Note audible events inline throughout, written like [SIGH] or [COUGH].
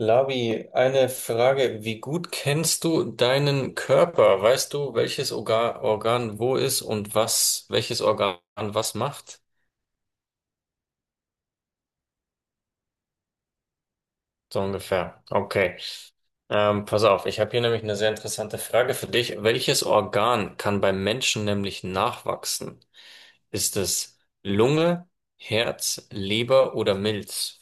Labi, eine Frage. Wie gut kennst du deinen Körper? Weißt du, welches Organ wo ist und welches Organ was macht? So ungefähr. Okay. Pass auf, ich habe hier nämlich eine sehr interessante Frage für dich. Welches Organ kann beim Menschen nämlich nachwachsen? Ist es Lunge, Herz, Leber oder Milz?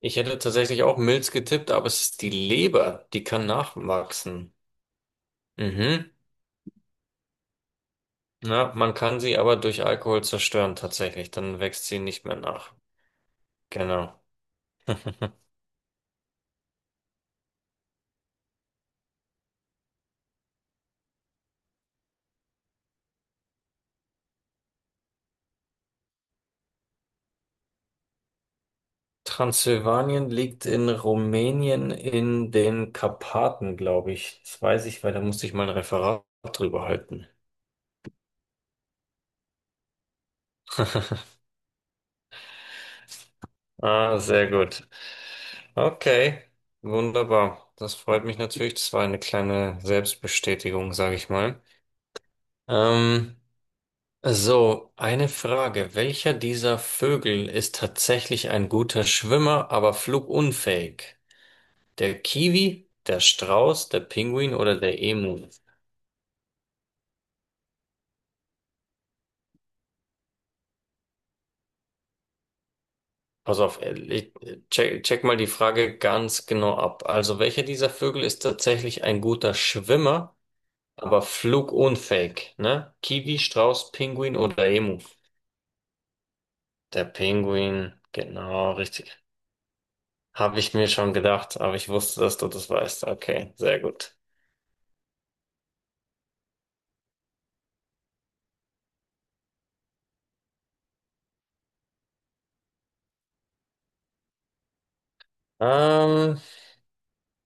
Ich hätte tatsächlich auch Milz getippt, aber es ist die Leber, die kann nachwachsen. Mhm. Ja, man kann sie aber durch Alkohol zerstören, tatsächlich. Dann wächst sie nicht mehr nach. Genau. [LAUGHS] Transsilvanien liegt in Rumänien in den Karpaten, glaube ich. Das weiß ich, weil da musste ich mal ein Referat drüber halten. Ah, sehr gut. Okay, wunderbar. Das freut mich natürlich. Das war eine kleine Selbstbestätigung, sage ich mal. Ähm, So, eine Frage. Welcher dieser Vögel ist tatsächlich ein guter Schwimmer, aber flugunfähig? Der Kiwi, der Strauß, der Pinguin oder der Emu? Pass auf, check mal die Frage ganz genau ab. Also, welcher dieser Vögel ist tatsächlich ein guter Schwimmer, aber flugunfähig? Ne? Kiwi, Strauß, Pinguin oder Emu? Der Pinguin, genau, richtig. Habe ich mir schon gedacht, aber ich wusste, dass du das weißt. Okay, sehr gut. Ähm,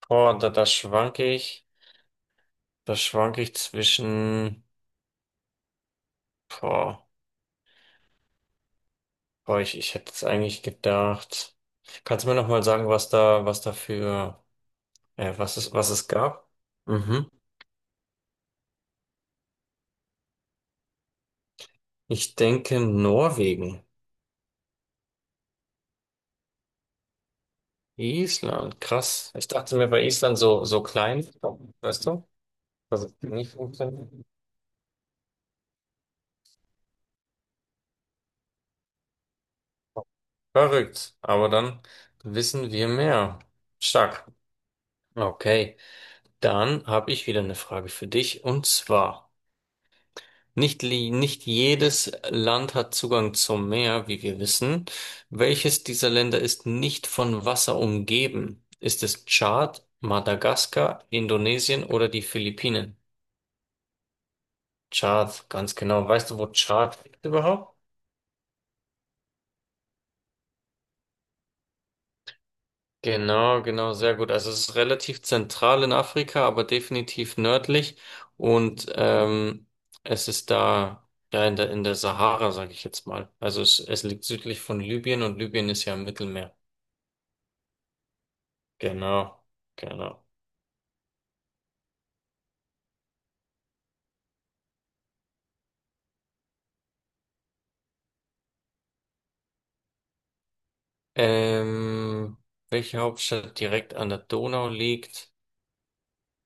boah, da schwanke ich, da schwanke ich zwischen, boah, boah, ich hätte jetzt eigentlich gedacht. Kannst du mir nochmal sagen, was es gab? Mhm. Ich denke Norwegen. Island, krass. Ich dachte mir bei Island so, so klein, weißt du, dass es nicht funktioniert. Verrückt, aber dann wissen wir mehr. Stark. Okay, dann habe ich wieder eine Frage für dich, und zwar: Nicht jedes Land hat Zugang zum Meer, wie wir wissen. Welches dieser Länder ist nicht von Wasser umgeben? Ist es Tschad, Madagaskar, Indonesien oder die Philippinen? Tschad, ganz genau. Weißt du, wo Tschad liegt überhaupt? Genau, genau, sehr gut. Also, es ist relativ zentral in Afrika, aber definitiv nördlich. Und es ist da ja in der Sahara, sage ich jetzt mal. Also, es liegt südlich von Libyen, und Libyen ist ja im Mittelmeer. Genau, genau. Ähm, welche Hauptstadt direkt an der Donau liegt?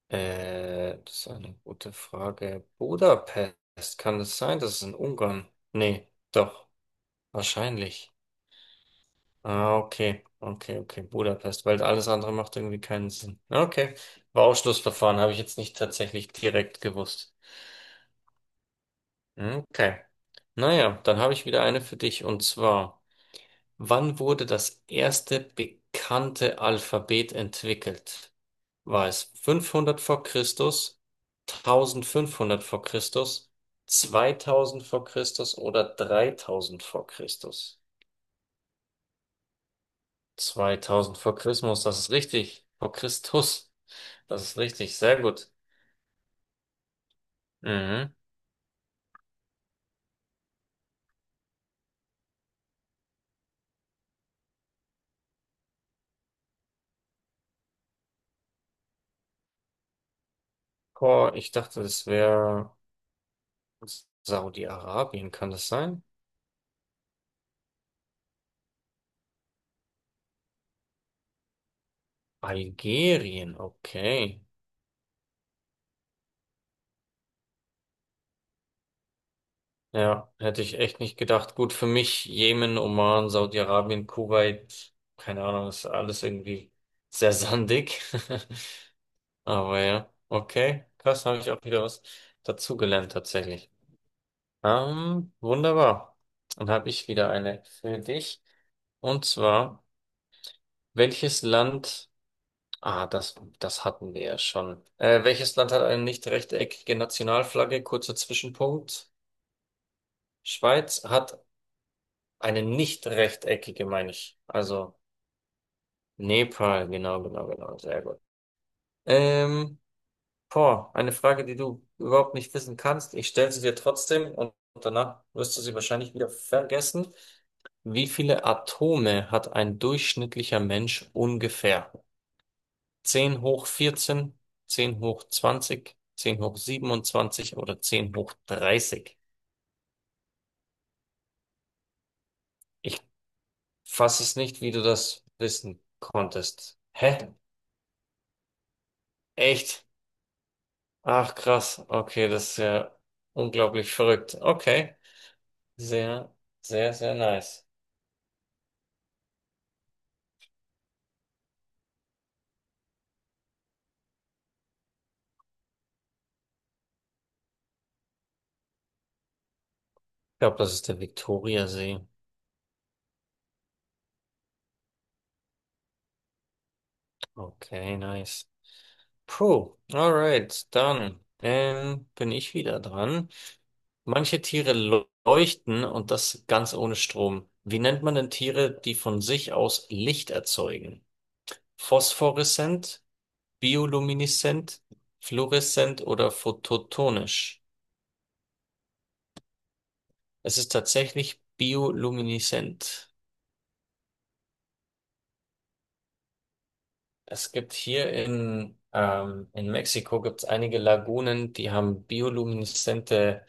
Das ist eine gute Frage. Budapest, kann es sein? Das ist in Ungarn. Nee, doch, wahrscheinlich. Ah, okay, okay, okay, Budapest, weil alles andere macht irgendwie keinen Sinn. Okay, war Ausschlussverfahren, habe ich jetzt nicht tatsächlich direkt gewusst. Okay, naja, dann habe ich wieder eine für dich, und zwar: Wann wurde das erste bekannte Alphabet entwickelt? War es 500 v. Chr, 1500 v. Chr, 2000 v. Chr. Oder 3000 v. Chr? 2000 vor Christus, das ist richtig. Vor Christus, das ist richtig. Sehr gut. Mhm. Boah, ich dachte, das wäre Saudi-Arabien, kann das sein? Algerien, okay. Ja, hätte ich echt nicht gedacht. Gut, für mich Jemen, Oman, Saudi-Arabien, Kuwait, keine Ahnung, ist alles irgendwie sehr sandig. [LAUGHS] Aber ja, okay, krass, habe ich auch wieder was dazugelernt tatsächlich. Wunderbar. Dann habe ich wieder eine für dich. Und zwar, welches Land, das hatten wir ja schon. Welches Land hat eine nicht rechteckige Nationalflagge? Kurzer Zwischenpunkt. Schweiz hat. Eine nicht rechteckige, meine ich. Also, Nepal, genau, genau, genau. Sehr gut. Ähm, boah, eine Frage, die du überhaupt nicht wissen kannst. Ich stelle sie dir trotzdem, und danach wirst du sie wahrscheinlich wieder vergessen. Wie viele Atome hat ein durchschnittlicher Mensch ungefähr? 10^14, 10^20, 10^27 oder 10^30? Ich fasse es nicht, wie du das wissen konntest. Hä? Echt? Ach, krass. Okay, das ist ja unglaublich verrückt. Okay. Sehr, sehr, sehr nice. Ich glaube, das ist der Viktoriasee. Okay, nice. Puh, alright, dann bin ich wieder dran. Manche Tiere leuchten, und das ganz ohne Strom. Wie nennt man denn Tiere, die von sich aus Licht erzeugen? Phosphoreszent, biolumineszent, fluoreszent oder phototonisch? Es ist tatsächlich biolumineszent. Es gibt hier in Mexiko, gibt's einige Lagunen, die haben biolumineszente,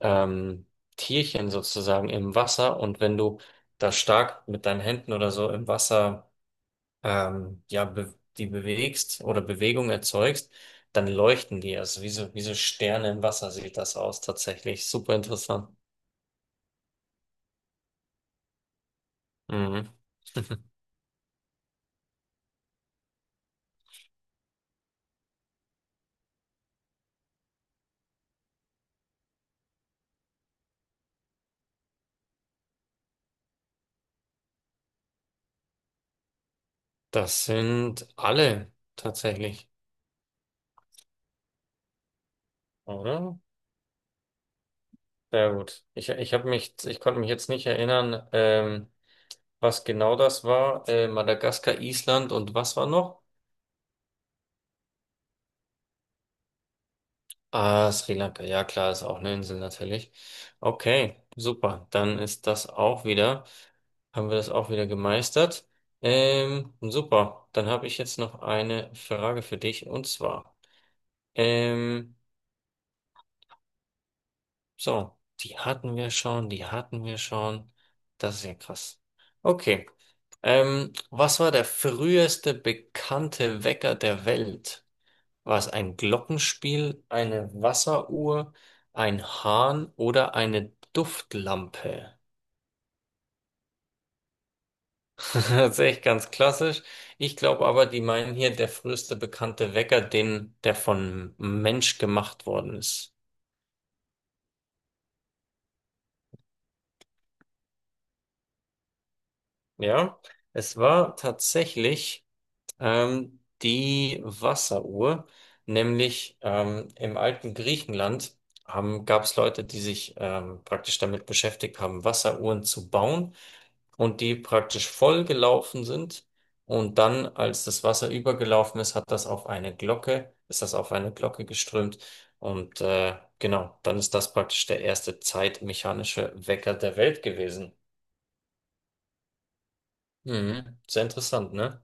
ähm, Tierchen sozusagen, im Wasser. Und wenn du da stark mit deinen Händen oder so im Wasser, ja, be die bewegst oder Bewegung erzeugst, dann leuchten die. Also wie so, Sterne im Wasser sieht das aus tatsächlich. Super interessant. Mhm. [LAUGHS] Das sind alle tatsächlich, oder? Sehr gut. Ich konnte mich jetzt nicht erinnern, was genau das war. Madagaskar, Island und was war noch? Ah, Sri Lanka. Ja, klar, ist auch eine Insel natürlich. Okay, super. Dann ist das auch wieder, haben wir das auch wieder gemeistert. Super. Dann habe ich jetzt noch eine Frage für dich, und zwar. ähm, So, die hatten wir schon, die hatten wir schon. Das ist ja krass. Okay. Was war der früheste bekannte Wecker der Welt? War es ein Glockenspiel, eine Wasseruhr, ein Hahn oder eine Duftlampe? [LAUGHS] Das ist echt ganz klassisch. Ich glaube aber, die meinen hier der früheste bekannte Wecker, den, der von Mensch gemacht worden ist. Ja, es war tatsächlich... Die Wasseruhr, nämlich im alten Griechenland gab es Leute, die sich praktisch damit beschäftigt haben, Wasseruhren zu bauen, und die praktisch voll gelaufen sind. Und dann, als das Wasser übergelaufen ist, hat das auf eine Glocke, ist das auf eine Glocke geströmt. Und genau, dann ist das praktisch der erste zeitmechanische Wecker der Welt gewesen. Mhm. Sehr interessant, ne?